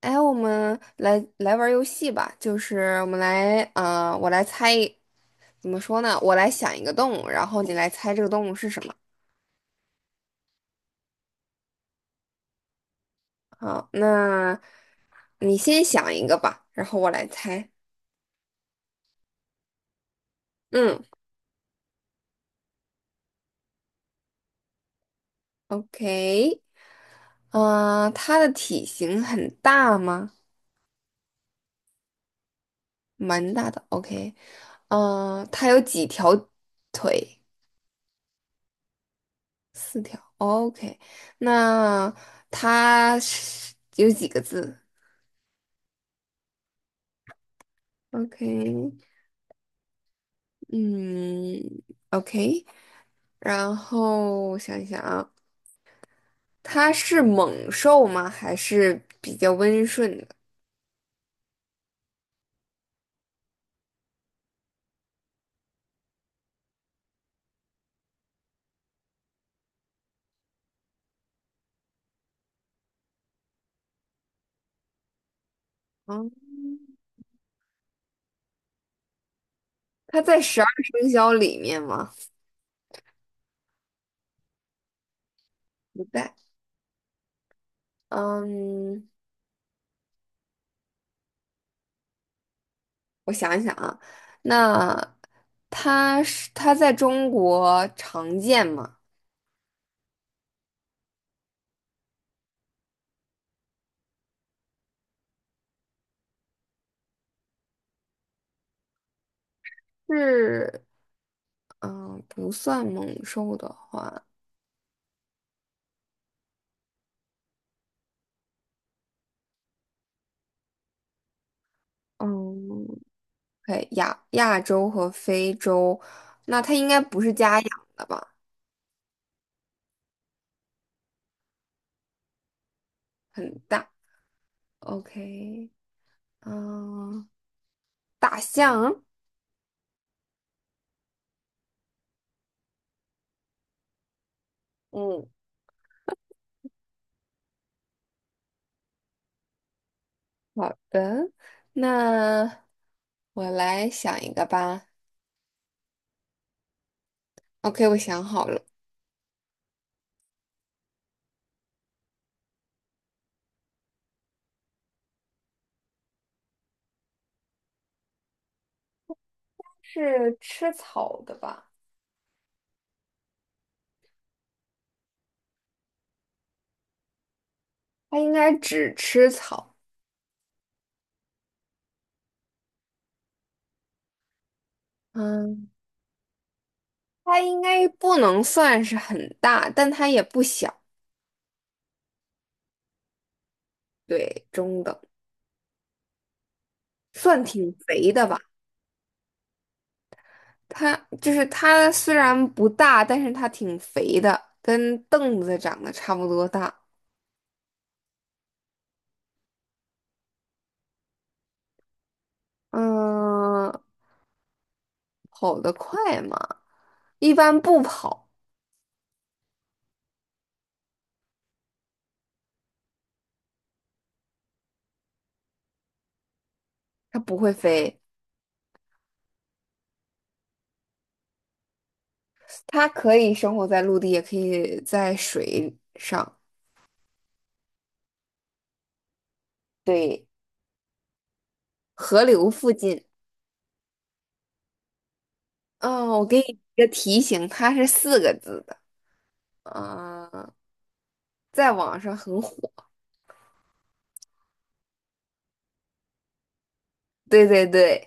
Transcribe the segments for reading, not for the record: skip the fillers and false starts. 哎，我们来玩儿游戏吧，就是我们来，我来猜一怎么说呢？我来想一个动物，然后你来猜这个动物是什么。好，那你先想一个吧，然后我来猜。嗯，OK，它的体型很大吗？蛮大的，OK，它有几条腿？四条，OK，那它是有几个字？OK，嗯，OK，然后我想一想啊，它是猛兽吗？还是比较温顺的？嗯，它在十二生肖里面吗？不在。嗯，我想一想啊，那它在中国常见吗？是，嗯，不算猛兽的话，嗯，对，亚洲和非洲，那它应该不是家养的吧？很大。OK，嗯，大象。嗯，好的，那我来想一个吧。OK，我想好了，是吃草的吧？它应该只吃草。嗯，它应该不能算是很大，但它也不小，对，中等，算挺肥的吧。它就是它虽然不大，但是它挺肥的，跟凳子长得差不多大。嗯，跑得快嘛。一般不跑，它不会飞，它可以生活在陆地，也可以在水上，对，河流附近。嗯，我给你一个提醒，它是四个字的，嗯，在网上很火。对对对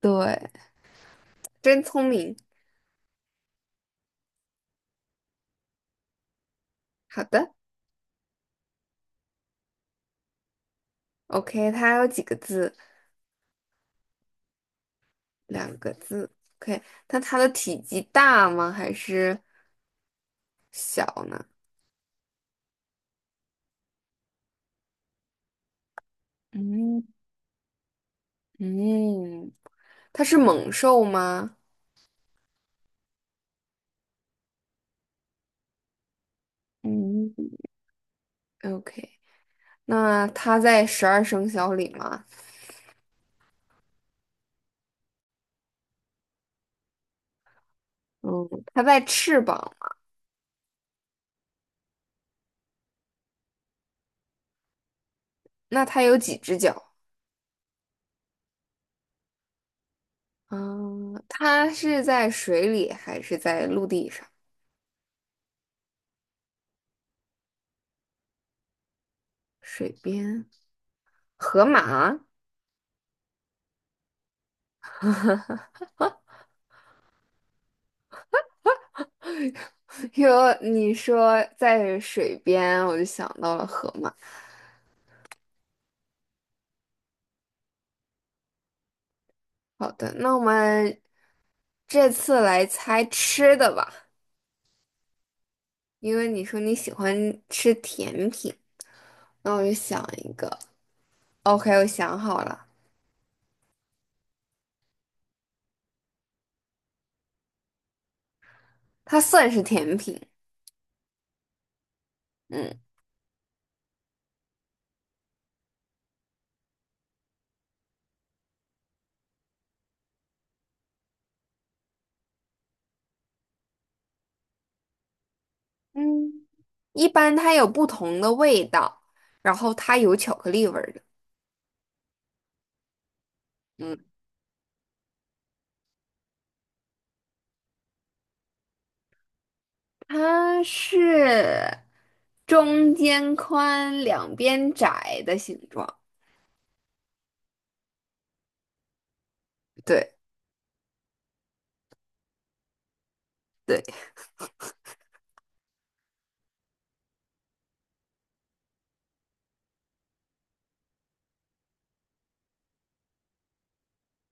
对，真聪明。好的，OK，它有几个字？两个字。OK，那它的体积大吗？还是小呢？嗯嗯，它是猛兽吗？嗯，OK。那它在十二生肖里吗？嗯，它在翅膀，那它有几只脚？嗯，它是在水里还是在陆地上？水边，河马。哟！你说在水边，我就想到了河马。好的，那我们这次来猜吃的吧，因为你说你喜欢吃甜品，那我就想一个。OK，我想好了，它算是甜品。嗯。嗯，一般它有不同的味道，然后它有巧克力味儿的。嗯，它是中间宽、两边窄的形状。对对，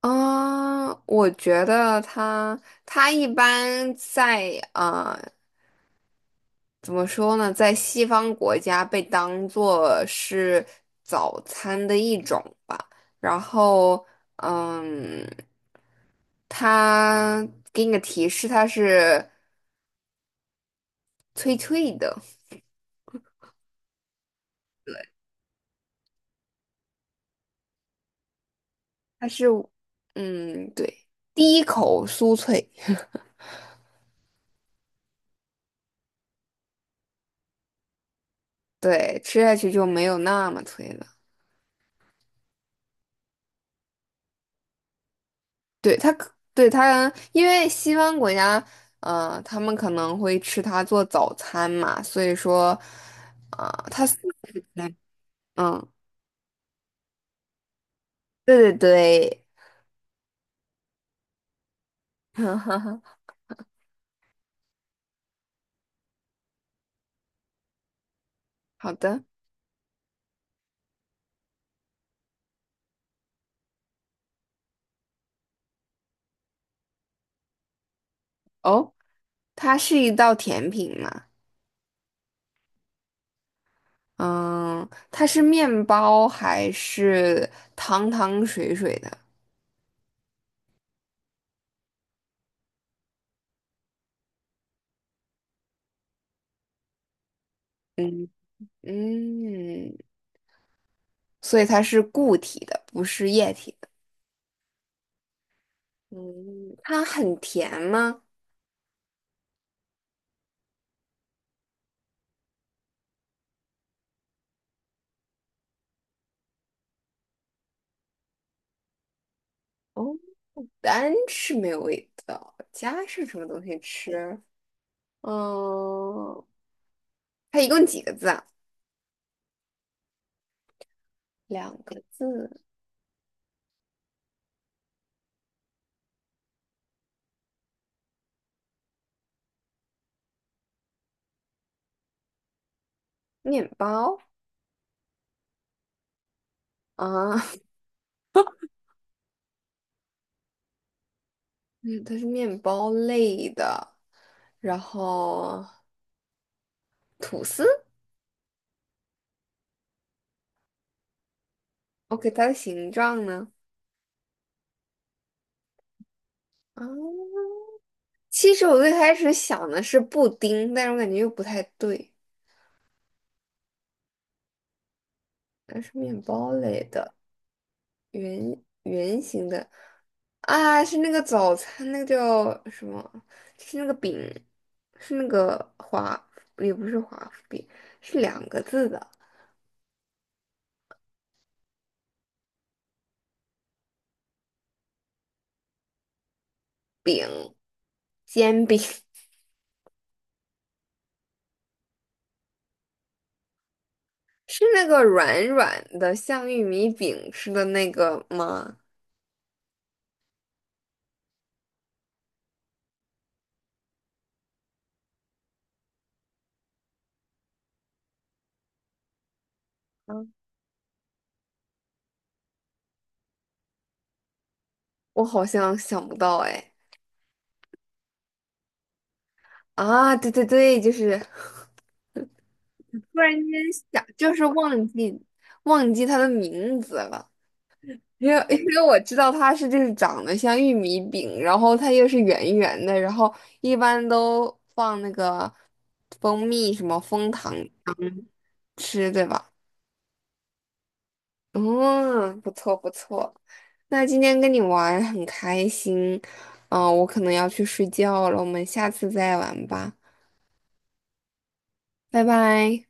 嗯，我觉得它它一般在啊。怎么说呢，在西方国家被当做是早餐的一种吧。然后，嗯，它给你个提示，它是脆脆的，它是，嗯，对，第一口酥脆，对，吃下去就没有那么脆了。对，它可，对，它，因为西方国家，他们可能会吃它做早餐嘛，所以说，啊、它。嗯，对对对，好的。哦，它是一道甜品嘛？嗯，它是面包还是汤汤水水的？嗯嗯，所以它是固体的，不是液体的。嗯，它很甜吗？哦，单吃没有味道，加上什么东西吃？嗯，它一共几个字啊？两个字，面包啊，嗯，它是面包类的，然后吐司。OK，它的形状呢？啊、其实我最开始想的是布丁，但是我感觉又不太对。它是面包类的，圆圆形的啊，是那个早餐，那个叫什么？就是那个饼，是那个华，也不是华夫饼，是两个字的饼，煎饼，是那个软软的，像玉米饼似的那个吗？嗯，我好像想不到哎。啊，对对对，就是突然间想，就是忘记它的名字了，因为 因为我知道它是就是长得像玉米饼，然后它又是圆圆的，然后一般都放那个蜂蜜什么蜂糖吃，对吧？嗯，不错不错。那今天跟你玩很开心，嗯、我可能要去睡觉了，我们下次再玩吧，拜拜。